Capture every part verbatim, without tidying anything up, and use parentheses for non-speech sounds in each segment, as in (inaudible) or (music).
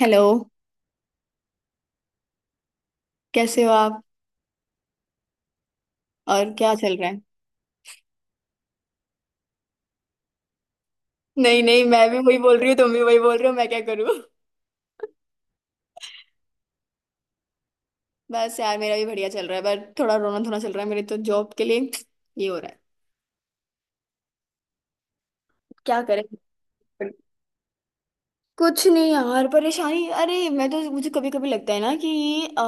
Hello. कैसे हो आप? और क्या चल रहा है? नहीं नहीं, मैं भी वही बोल रही हूँ, तुम भी वही बोल रहे हो, मैं क्या करूँ। बस यार, मेरा भी बढ़िया चल रहा है, पर थोड़ा रोना धोना चल रहा है मेरे तो जॉब के लिए। ये हो रहा है। क्या करें। कुछ नहीं यार, परेशानी अरे मैं तो, मुझे कभी कभी लगता है ना कि अ,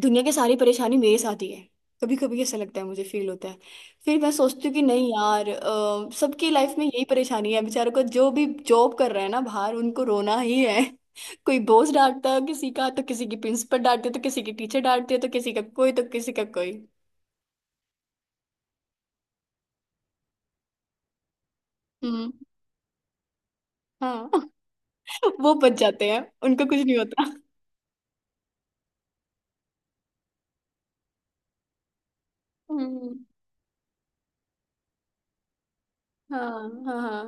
दुनिया की सारी परेशानी मेरे साथ ही है। कभी कभी ऐसा लगता है, मुझे फील होता है। फिर मैं सोचती हूँ कि नहीं यार, अ, सबकी लाइफ में यही परेशानी है, बेचारों को जो भी जॉब कर रहे हैं ना बाहर उनको रोना ही है। (laughs) कोई बॉस डांटता है किसी का, तो किसी की प्रिंसिपल डांटती है, तो किसी की टीचर डांटती है, तो किसी का कोई, तो किसी का कोई। हम्म। हाँ। (laughs) वो बच जाते हैं, उनको कुछ नहीं होता। हम्म। हाँ, हाँ, हाँ।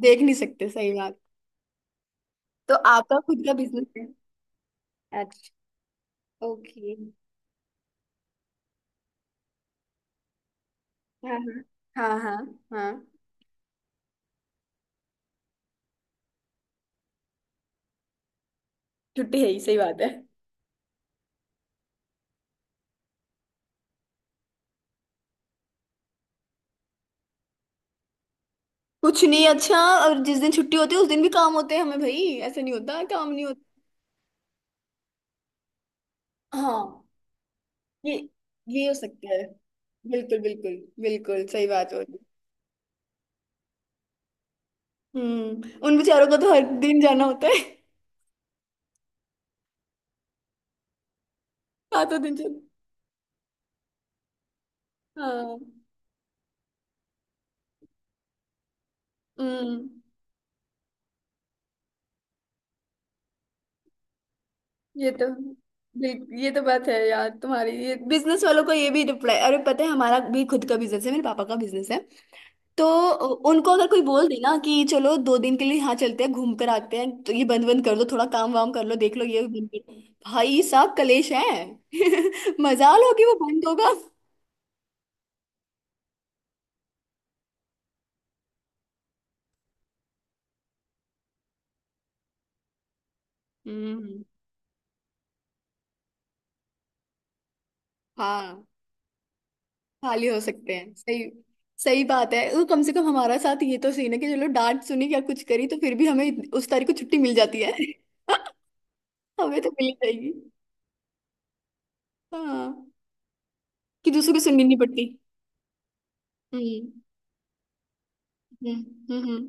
देख नहीं सकते, सही बात। तो आपका खुद का बिजनेस है? अच्छा। ओके। हाँ हाँ। हाँ हाँ। हाँ। छुट्टी है ही, सही बात है। कुछ नहीं अच्छा। और जिस दिन छुट्टी होती है उस दिन भी काम होते हैं हमें भाई, ऐसा नहीं होता काम नहीं होता। हाँ। ये ये हो सकता है। बिल्कुल बिल्कुल। बिल्कुल सही बात हो रही है। हम्म, उन बेचारों को तो हर दिन जाना होता है। (laughs) सातों दिन चल। हाँ। हम्म। ये तो बिल्कुल, ये तो बात है यार तुम्हारी, ये बिजनेस वालों को, ये भी रिप्लाई अरे पता है, हमारा भी खुद का बिजनेस है, मेरे पापा का बिजनेस है। तो उनको अगर कोई बोल दे ना कि चलो दो दिन के लिए यहाँ चलते हैं घूम कर आते हैं, तो ये बंद बंद कर दो थोड़ा, काम वाम कर लो देख लो, ये बंद कर। भाई साहब कलेश है। (laughs) मजाल हो कि वो बंद होगा। हम्म। हाँ, खाली हो सकते हैं सही, सही बात है। वो कम से कम हमारा साथ ये तो सीन है कि चलो डांट सुनी या कुछ करी तो फिर भी हमें इत- उस तारीख को छुट्टी मिल जाती है। (laughs) हमें तो मिल जाएगी। हाँ, कि दूसरों की सुननी नहीं पड़ती। हम्म, हम्म, हम्म, हम्म,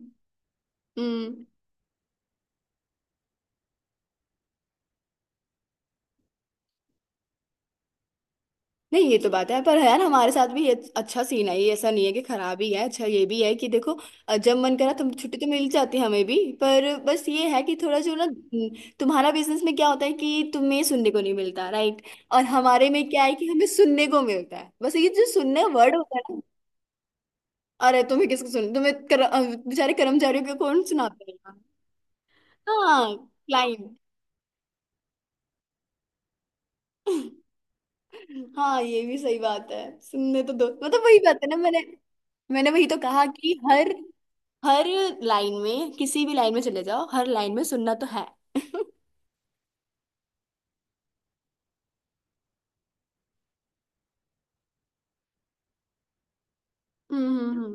हम्म। नहीं ये तो बात है, पर यार हमारे साथ भी ये अच्छा सीन है, ये ऐसा नहीं है कि खराब ही है। अच्छा ये भी है कि देखो, अ, जब मन करा तुम छुट्टी तो मिल जाती है हमें भी, पर बस ये है कि थोड़ा जो ना, हम्म, तुम्हारा बिजनेस में क्या होता है कि तुम्हें सुनने को नहीं मिलता राइट। और हमारे में क्या है कि हमें सुनने को मिलता है, बस ये जो सुनने वर्ड होता है ना, अरे तुम्हें किसको सुन तुम्हें कर, अ, बेचारे कर्मचारियों को कौन सुनाते हैं। हाँ क्लाइंट। (laughs) हाँ ये भी सही बात है, सुनने तो दो मतलब, वही बात है ना। मैंने मैंने वही तो कहा कि हर हर लाइन में, किसी भी लाइन में चले जाओ, हर लाइन में सुनना तो है। (laughs) हम्म हम्म हम्म।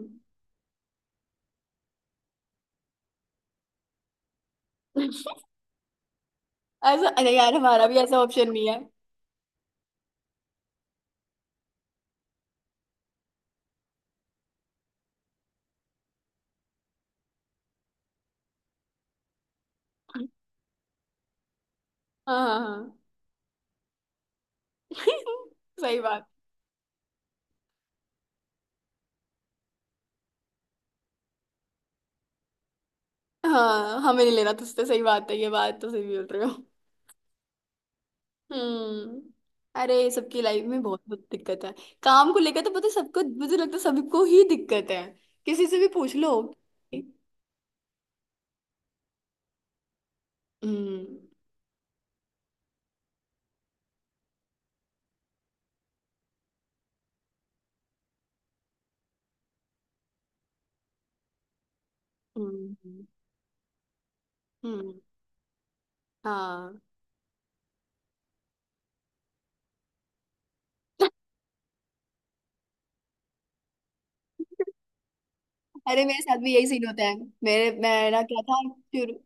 (laughs) ऐसा, अरे यार हमारा भी ऐसा ऑप्शन नहीं है। हाँ हाँ हाँ। (laughs) सही बात। हाँ हमें नहीं लेना तुझसे, सही बात है, ये बात तो सही बोल रहे हो। हम्म। अरे सबकी लाइफ में बहुत बहुत दिक्कत है। काम को लेकर तो पता है सबको, मुझे लगता है सबको ही दिक्कत है। किसी से भी पूछ लो। हम्म, हम्म, हम्म। हाँ। (laughs) अरे मेरे साथ भी यही सीन होता है। मेरे, मैं ना क्या था शुरू,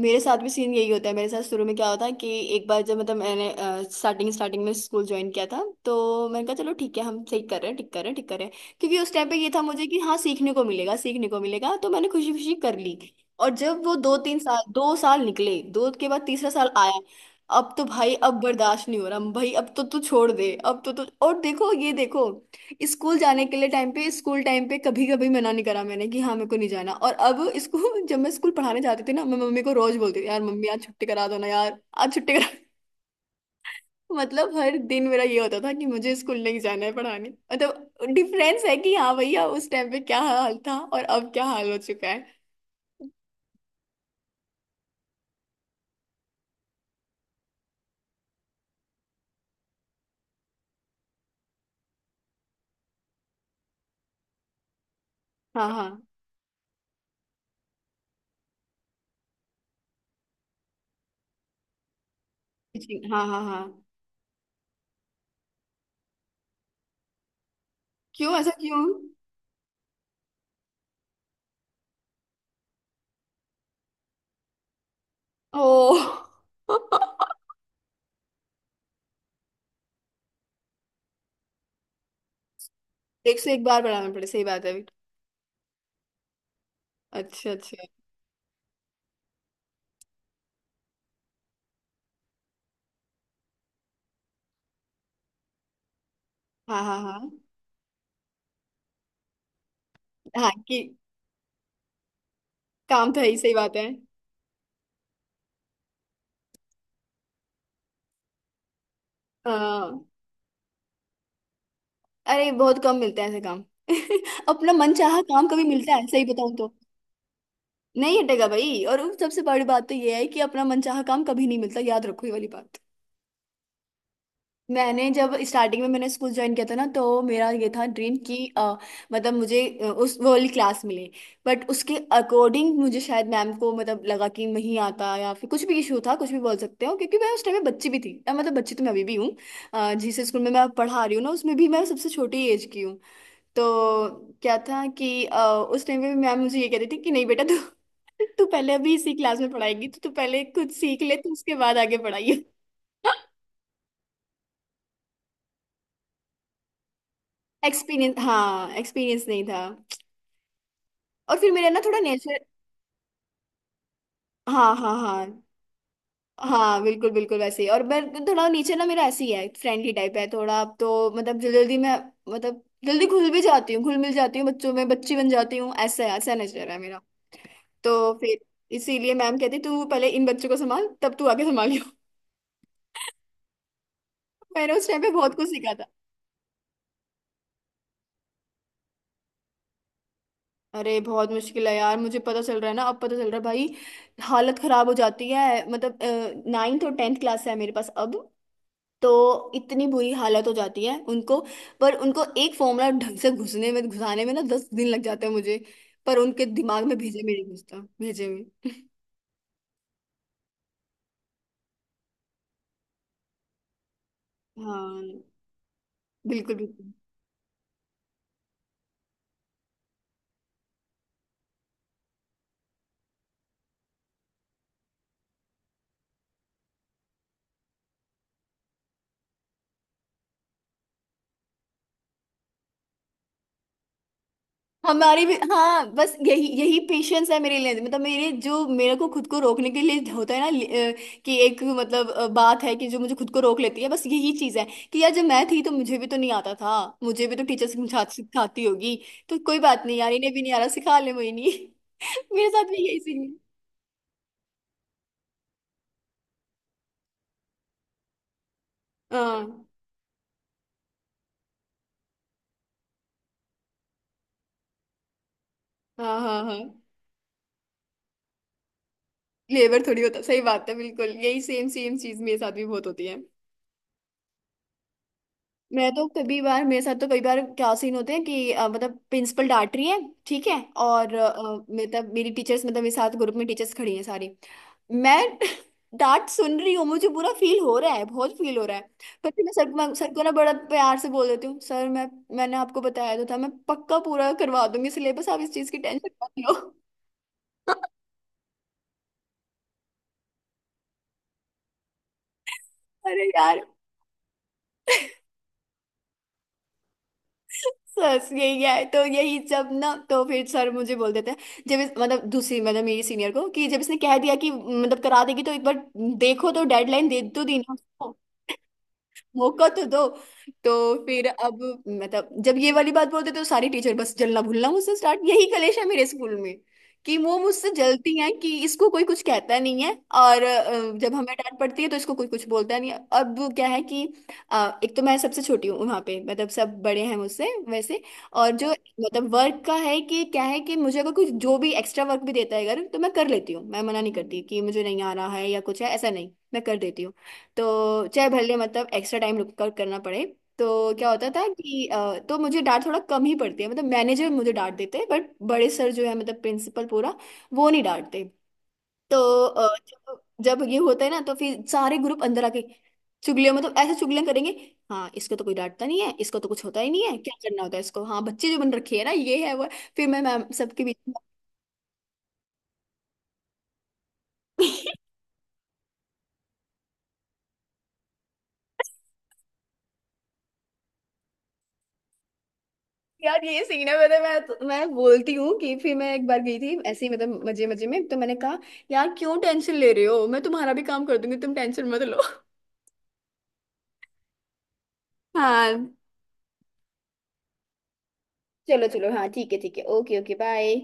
मेरे साथ भी सीन यही होता है। मेरे साथ शुरू में क्या होता है कि एक बार जब, मतलब मैंने, स्टार्टिंग स्टार्टिंग में स्कूल ज्वाइन किया था, तो मैंने कहा चलो ठीक है, हम सही कर रहे हैं, ठीक कर रहे हैं, ठीक कर रहे हैं क्योंकि उस टाइम पे ये था मुझे कि हाँ सीखने को मिलेगा, सीखने को मिलेगा तो मैंने खुशी खुशी कर ली। और जब वो दो तीन साल, दो साल निकले, दो के बाद तीसरा साल आया, अब तो भाई अब बर्दाश्त नहीं हो रहा, भाई अब तो तू छोड़ दे, अब तो तू और देखो ये देखो। स्कूल जाने के लिए टाइम पे, स्कूल टाइम पे कभी कभी मना नहीं करा मैंने कि हाँ मेरे को नहीं जाना, और अब इसको (laughs) जब मैं स्कूल पढ़ाने जाती थी ना, मैं मम्मी को रोज बोलती थी यार मम्मी आज छुट्टी करा दो ना, यार आज छुट्टी करा। (laughs) मतलब हर दिन मेरा ये होता था कि मुझे स्कूल नहीं जाना है पढ़ाने, मतलब डिफरेंस है कि हाँ भैया उस टाइम पे क्या हाल था और अब क्या हाल हो चुका है। हाँ हाँ teaching, हाँ हाँ हाँ। क्यों ऐसा क्यों? ओ (laughs) एक से एक बार पढ़ाना पड़े सही बात है। अच्छा अच्छा। हाँ हाँ हाँ हाँ कि काम तो है ही सही बात है। हाँ, अरे बहुत कम मिलता है ऐसे काम। (laughs) अपना मनचाहा काम कभी मिलता है सही बताऊं तो। नहीं हटेगा भाई, और उस सबसे बड़ी बात तो ये है कि अपना मनचाहा काम कभी नहीं मिलता, याद रखो ये वाली बात। मैंने जब स्टार्टिंग में मैंने स्कूल ज्वाइन किया था ना, तो मेरा ये था ड्रीम कि अ, मतलब मुझे अ, उस वो वाली क्लास मिले। बट उसके अकॉर्डिंग मुझे शायद मैम को मतलब लगा कि नहीं आता, या फिर कुछ भी इशू था कुछ भी बोल सकते हो, क्योंकि मैं उस टाइम में बच्ची भी थी, अ, मतलब बच्ची तो मैं अभी भी हूँ। अ, जिस स्कूल में मैं पढ़ा रही हूँ ना उसमें भी मैं सबसे छोटी एज की हूँ। तो क्या था कि अ, उस टाइम पे मैम मुझे ये कह रही थी कि नहीं बेटा, तू तू पहले अभी इसी क्लास में पढ़ाएगी, तो तू पहले कुछ सीख ले, तो उसके बाद आगे पढ़ाइए। (laughs) एक्सपीरियंस, हाँ एक्सपीरियंस नहीं था। और फिर मेरा ना थोड़ा नेचर, हाँ हाँ हाँ हाँ बिल्कुल बिल्कुल वैसे ही, और मैं थोड़ा नीचे ना मेरा ऐसे ही है, फ्रेंडली टाइप है थोड़ा, अब तो मतलब जल्दी जल्दी मैं, मतलब जल्दी घुल भी जाती हूँ, घुल मिल जाती हूँ बच्चों में, बच्ची बन जाती हूँ, ऐसा ऐसा नेचर है मेरा। तो फिर इसीलिए मैम कहती तू पहले इन बच्चों को संभाल, तब तू आगे संभाल। मैंने उस टाइम पे बहुत कुछ सीखा था। अरे बहुत मुश्किल है यार, मुझे पता चल रहा है ना अब पता चल रहा है भाई। हालत खराब हो जाती है। मतलब नाइन्थ और टेंथ क्लास है मेरे पास अब, तो इतनी बुरी हालत हो जाती है उनको, पर उनको एक फॉर्मूला ढंग से घुसने में घुसाने में ना दस दिन लग जाते हैं मुझे। पर उनके दिमाग में भेजे में नहीं घुसता भेजे में। हाँ बिल्कुल बिल्कुल। हमारी भी, हाँ बस यही यही पेशेंस है मेरे लिए, मतलब मेरे जो मेरे को खुद को रोकने के लिए होता है ना लि- अ, कि एक मतलब, अ, बात है कि जो मुझे खुद को रोक लेती है, बस यही चीज है। कि यार जब मैं थी तो मुझे भी तो नहीं आता था, मुझे भी तो टीचर सिखा सिखाती होगी, तो कोई बात नहीं यार इन्हें भी नहीं आ रहा, सिखा ले मोहिनी। (laughs) मेरे साथ भी यही सीन है। हाँ हाँ हाँ हाँ। लेबर थोड़ी होता सही बात है, बिल्कुल यही सेम सेम चीज मेरे साथ भी बहुत होती है। मैं तो कभी बार, मेरे साथ तो कई बार क्या सीन होते हैं कि अ, मतलब प्रिंसिपल डांट रही है, ठीक है। और अ, मतलब मेरी टीचर्स, मतलब मेरे साथ ग्रुप में टीचर्स खड़ी हैं सारी, मैं (laughs) डांट सुन रही हूँ, मुझे बुरा फील हो रहा है, बहुत फील हो रहा है। पर फिर मैं सर, मैं सर को ना बड़ा प्यार से बोल देती हूँ, सर मैं, मैंने आपको बताया तो था मैं पक्का पूरा करवा दूंगी सिलेबस, आप इस चीज की टेंशन मत लो। (laughs) अरे यार, बस यही है तो यही, जब ना तो फिर सर मुझे बोल देते हैं, जब इस, मतलब दूसरी मतलब मेरी सीनियर को कि जब इसने कह दिया कि मतलब करा देगी तो एक बार देखो, तो डेडलाइन दे तो दी ना, मौका तो दो। तो फिर अब, मतलब जब ये वाली बात बोलते तो सारी टीचर बस जलना भूलना मुझसे स्टार्ट, यही कलेश है मेरे स्कूल में। कि वो मुझसे जलती हैं कि इसको कोई कुछ कहता नहीं है, और अ, जब हमें डांट पड़ती है तो इसको कोई कुछ बोलता नहीं है। अब क्या है कि अ, एक तो मैं सबसे छोटी हूँ वहाँ पे, मतलब सब बड़े हैं मुझसे वैसे। और जो मतलब वर्क का है कि क्या है कि मुझे अगर कुछ जो भी एक्स्ट्रा वर्क भी देता है अगर, तो मैं कर लेती हूँ, मैं मना नहीं करती कि मुझे नहीं आ रहा है या कुछ है, ऐसा नहीं मैं कर देती हूँ, तो चाहे भले मतलब एक्स्ट्रा टाइम लुकआउट करना पड़े। तो क्या होता था कि अ, तो मुझे डांट थोड़ा कम ही पड़ती है, मतलब मैनेजर मुझे डांट देते हैं बट बड़े सर जो है मतलब प्रिंसिपल पूरा, वो नहीं डांटते। तो अ, जब जब ये होता है ना तो फिर सारे ग्रुप अंदर आके चुगलियां, मतलब ऐसे चुगलियां करेंगे, हाँ इसको तो कोई डांटता नहीं है, इसको तो कुछ होता ही नहीं है, क्या करना होता है इसको, हाँ बच्चे जो बन रखे है ना ये है वो है। फिर मैं मैम सबके बीच, यार ये सीन है। मतलब मैं तो, मैं बोलती हूँ कि फिर मैं एक बार गई थी ऐसे ही मतलब मजे मजे में, तो मैंने कहा यार क्यों टेंशन ले रहे हो, मैं तुम्हारा भी काम कर दूंगी तुम टेंशन मत लो। हाँ चलो चलो, हाँ ठीक है ठीक है, ओके ओके बाय।